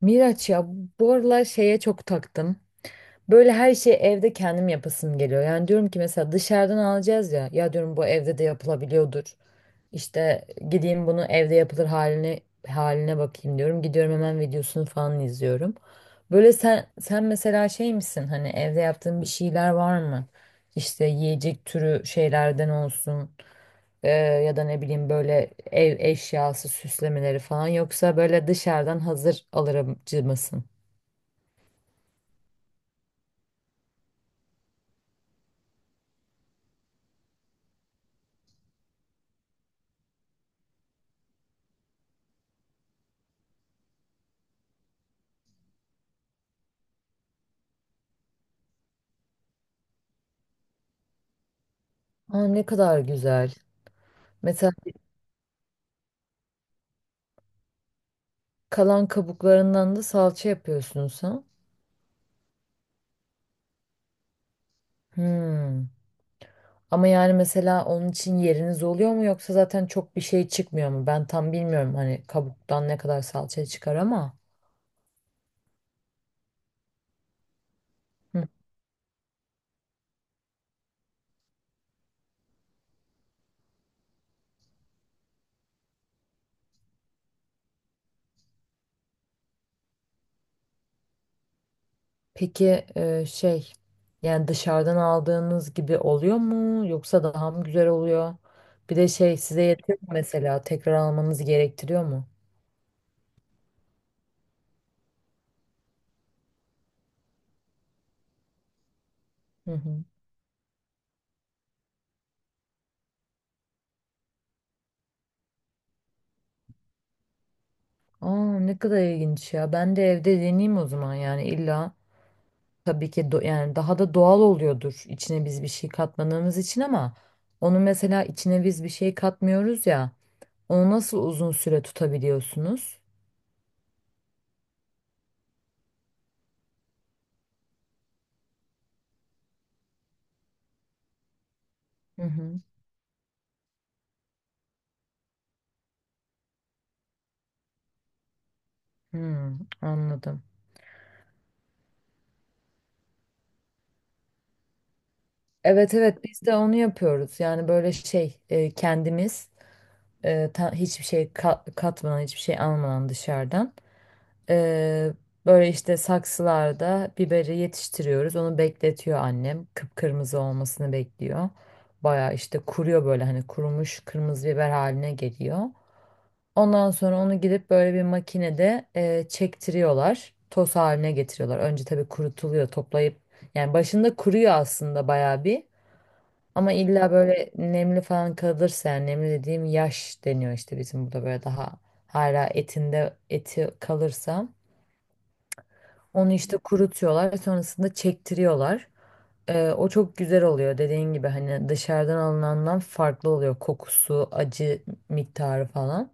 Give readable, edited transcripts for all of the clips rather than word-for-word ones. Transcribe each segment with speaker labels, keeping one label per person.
Speaker 1: Miraç ya, bu aralar şeye çok taktım. Böyle her şeyi evde kendim yapasım geliyor. Yani diyorum ki mesela dışarıdan alacağız ya. Ya diyorum bu evde de yapılabiliyordur. İşte gideyim bunu evde yapılır haline bakayım diyorum. Gidiyorum hemen videosunu falan izliyorum. Böyle sen mesela şey misin? Hani evde yaptığın bir şeyler var mı? İşte yiyecek türü şeylerden olsun. Ya da ne bileyim böyle ev eşyası süslemeleri falan yoksa böyle dışarıdan hazır alırcı mısın? Aa, ne kadar güzel. Mesela kalan kabuklarından da salça yapıyorsunuz ha? Hmm. Ama yani mesela onun için yeriniz oluyor mu yoksa zaten çok bir şey çıkmıyor mu? Ben tam bilmiyorum hani kabuktan ne kadar salça çıkar ama. Hı. Peki şey, yani dışarıdan aldığınız gibi oluyor mu yoksa daha mı güzel oluyor? Bir de şey size yetiyor mu mesela tekrar almanız gerektiriyor mu? Hı hı. Aa, ne kadar ilginç ya. Ben de evde deneyeyim o zaman yani illa. Tabii ki yani daha da doğal oluyordur içine biz bir şey katmadığımız için ama onu mesela içine biz bir şey katmıyoruz ya, onu nasıl uzun süre tutabiliyorsunuz? Hı hı. Hmm, anladım. Evet, evet, biz de onu yapıyoruz. Yani böyle şey kendimiz, hiçbir şey katmadan, hiçbir şey almadan dışarıdan. Ee, Böyle işte saksılarda biberi yetiştiriyoruz. Onu bekletiyor annem. Kıpkırmızı olmasını bekliyor. Baya işte kuruyor, böyle hani kurumuş kırmızı biber haline geliyor. Ondan sonra onu gidip böyle bir makinede çektiriyorlar. Toz haline getiriyorlar. Önce tabii kurutuluyor toplayıp. Yani başında kuruyor aslında baya bir. Ama illa böyle nemli falan kalırsa, yani nemli dediğim yaş deniyor işte bizim burada, böyle daha hala etinde eti kalırsa. Onu işte kurutuyorlar, sonrasında çektiriyorlar. O çok güzel oluyor, dediğin gibi hani dışarıdan alınandan farklı oluyor kokusu, acı miktarı falan.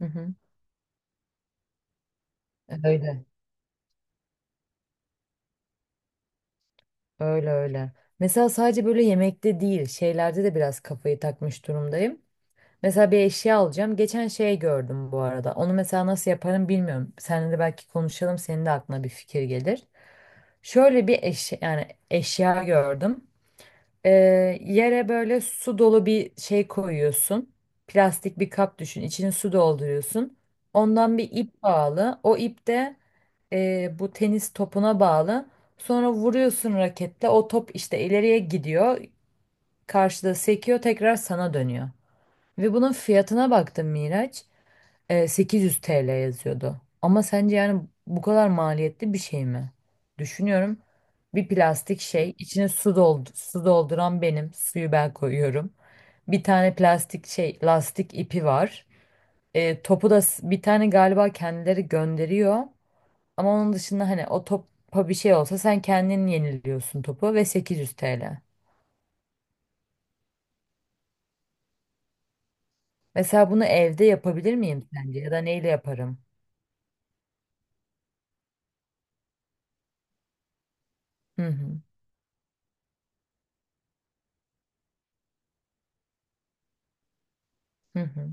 Speaker 1: Hı hı. Öyle, öyle, öyle. Mesela sadece böyle yemekte değil, şeylerde de biraz kafayı takmış durumdayım. Mesela bir eşya alacağım. Geçen şey gördüm bu arada. Onu mesela nasıl yaparım bilmiyorum. Seninle de belki konuşalım, senin de aklına bir fikir gelir. Şöyle bir eşya, yani eşya gördüm. Ee, Yere böyle su dolu bir şey koyuyorsun. Plastik bir kap düşün. İçine su dolduruyorsun. Ondan bir ip bağlı. O ip de bu tenis topuna bağlı. Sonra vuruyorsun raketle. O top işte ileriye gidiyor. Karşıda sekiyor. Tekrar sana dönüyor. Ve bunun fiyatına baktım Miraç, 800 TL yazıyordu. Ama sence yani bu kadar maliyetli bir şey mi? Düşünüyorum. Bir plastik şey, içine su doldu, su dolduran benim, suyu ben koyuyorum. Bir tane plastik şey, lastik ipi var. Topu da bir tane galiba kendileri gönderiyor. Ama onun dışında hani o topa bir şey olsa sen kendin yeniliyorsun topu ve 800 TL. Mesela bunu evde yapabilir miyim sence ya da neyle yaparım? Hı hı. Hı hı.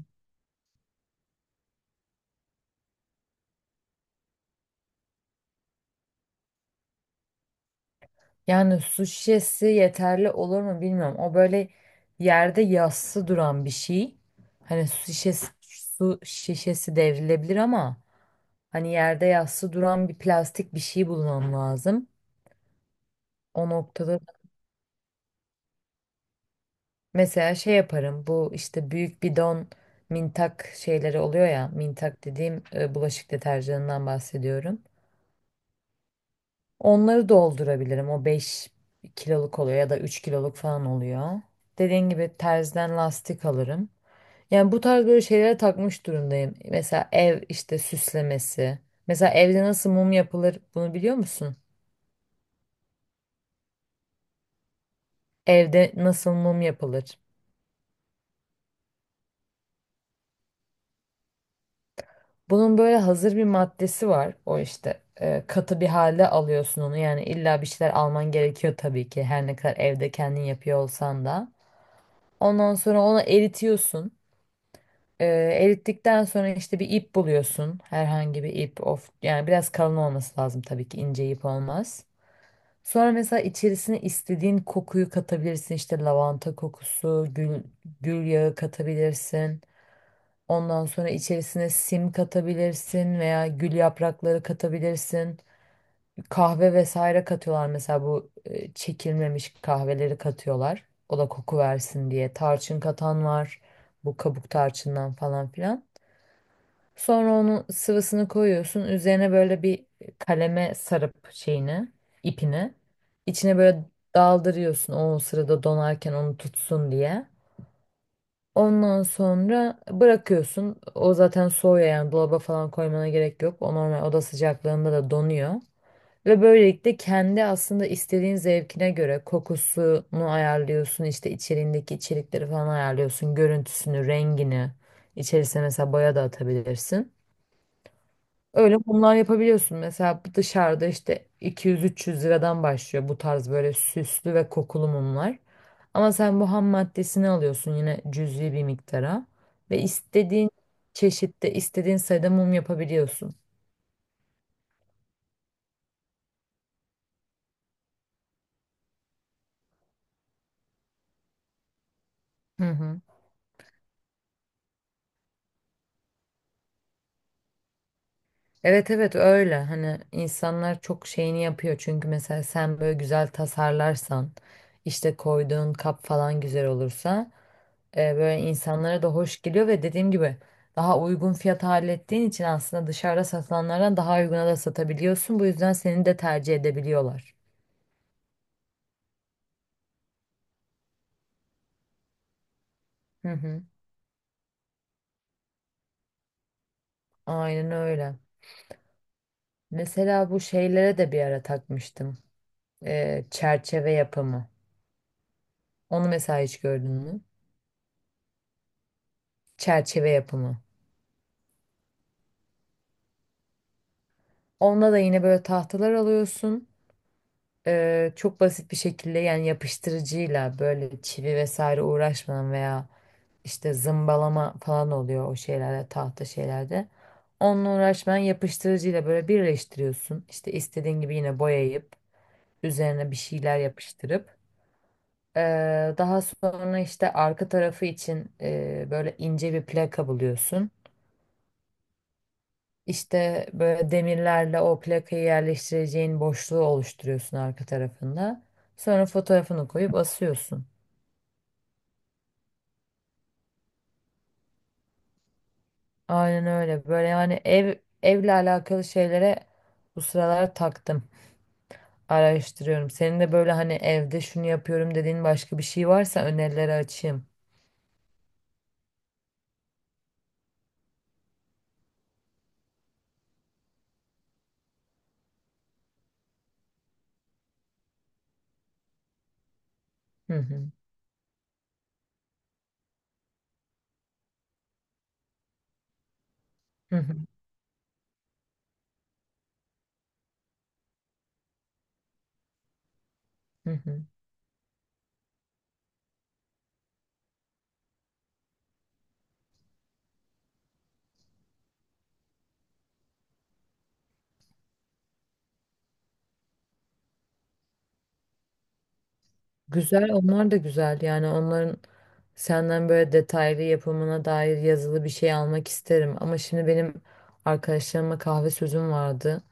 Speaker 1: Yani su şişesi yeterli olur mu bilmiyorum. O böyle yerde yassı duran bir şey. Hani su şişesi, su şişesi devrilebilir ama hani yerde yassı duran bir plastik bir şey bulmam lazım. O noktada mesela şey yaparım. Bu işte büyük bidon mintak şeyleri oluyor ya. Mintak dediğim bulaşık deterjanından bahsediyorum. Onları doldurabilirim. O 5 kiloluk oluyor ya da 3 kiloluk falan oluyor. Dediğin gibi terzden lastik alırım. Yani bu tarz böyle şeylere takmış durumdayım. Mesela ev işte süslemesi. Mesela evde nasıl mum yapılır, bunu biliyor musun? Evde nasıl mum yapılır? Bunun böyle hazır bir maddesi var. O işte katı bir halde alıyorsun onu. Yani illa bir şeyler alman gerekiyor tabii ki. Her ne kadar evde kendin yapıyor olsan da. Ondan sonra onu eritiyorsun. Ee, Erittikten sonra işte bir ip buluyorsun. Herhangi bir ip, of, yani biraz kalın olması lazım tabii ki, ince ip olmaz. Sonra mesela içerisine istediğin kokuyu katabilirsin. İşte lavanta kokusu, gül, gül yağı katabilirsin. Ondan sonra içerisine sim katabilirsin veya gül yaprakları katabilirsin. Kahve vesaire katıyorlar, mesela bu çekilmemiş kahveleri katıyorlar. O da koku versin diye. Tarçın katan var. Bu kabuk tarçından falan filan. Sonra onun sıvısını koyuyorsun. Üzerine böyle bir kaleme sarıp şeyini, ipini. İçine böyle daldırıyorsun o sırada, donarken onu tutsun diye. Ondan sonra bırakıyorsun. O zaten soğuyor, yani dolaba falan koymana gerek yok. O normal oda sıcaklığında da donuyor. Ve böylelikle kendi aslında istediğin zevkine göre kokusunu ayarlıyorsun. İşte içeriğindeki içerikleri falan ayarlıyorsun. Görüntüsünü, rengini. İçerisine mesela boya da atabilirsin. Öyle mumlar yapabiliyorsun. Mesela bu dışarıda işte 200-300 liradan başlıyor, bu tarz böyle süslü ve kokulu mumlar. Ama sen bu ham maddesini alıyorsun yine cüzi bir miktara ve istediğin çeşitte, istediğin sayıda mum yapabiliyorsun. Hı hı. Evet, evet, öyle. Hani insanlar çok şeyini yapıyor, çünkü mesela sen böyle güzel tasarlarsan, işte koyduğun kap falan güzel olursa böyle insanlara da hoş geliyor ve dediğim gibi daha uygun fiyata hallettiğin için aslında dışarıda satılanlardan daha uyguna da satabiliyorsun, bu yüzden seni de tercih edebiliyorlar. Hı hı, aynen öyle. Mesela bu şeylere de bir ara takmıştım. Çerçeve yapımı, onu mesela hiç gördün mü? Çerçeve yapımı. Onunla da yine böyle tahtalar alıyorsun. Çok basit bir şekilde, yani yapıştırıcıyla, böyle çivi vesaire uğraşmadan veya işte zımbalama falan oluyor o şeylerde, tahta şeylerde. Onunla uğraşmadan yapıştırıcıyla böyle birleştiriyorsun. İşte istediğin gibi yine boyayıp üzerine bir şeyler yapıştırıp daha sonra işte arka tarafı için böyle ince bir plaka buluyorsun. İşte böyle demirlerle o plakayı yerleştireceğin boşluğu oluşturuyorsun arka tarafında. Sonra fotoğrafını koyup asıyorsun. Aynen öyle. Böyle yani evle alakalı şeylere bu sıralar taktım. Araştırıyorum. Senin de böyle hani evde şunu yapıyorum dediğin başka bir şey varsa önerileri açayım. Hı hı. Hı hı. Hı hı. Güzel, onlar da güzel. Yani onların senden böyle detaylı yapımına dair yazılı bir şey almak isterim. Ama şimdi benim arkadaşlarıma kahve sözüm vardı.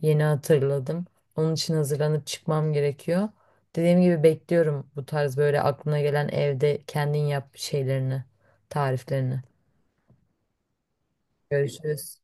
Speaker 1: Yeni hatırladım. Onun için hazırlanıp çıkmam gerekiyor. Dediğim gibi bekliyorum bu tarz böyle aklına gelen evde kendin yap şeylerini, tariflerini. Görüşürüz.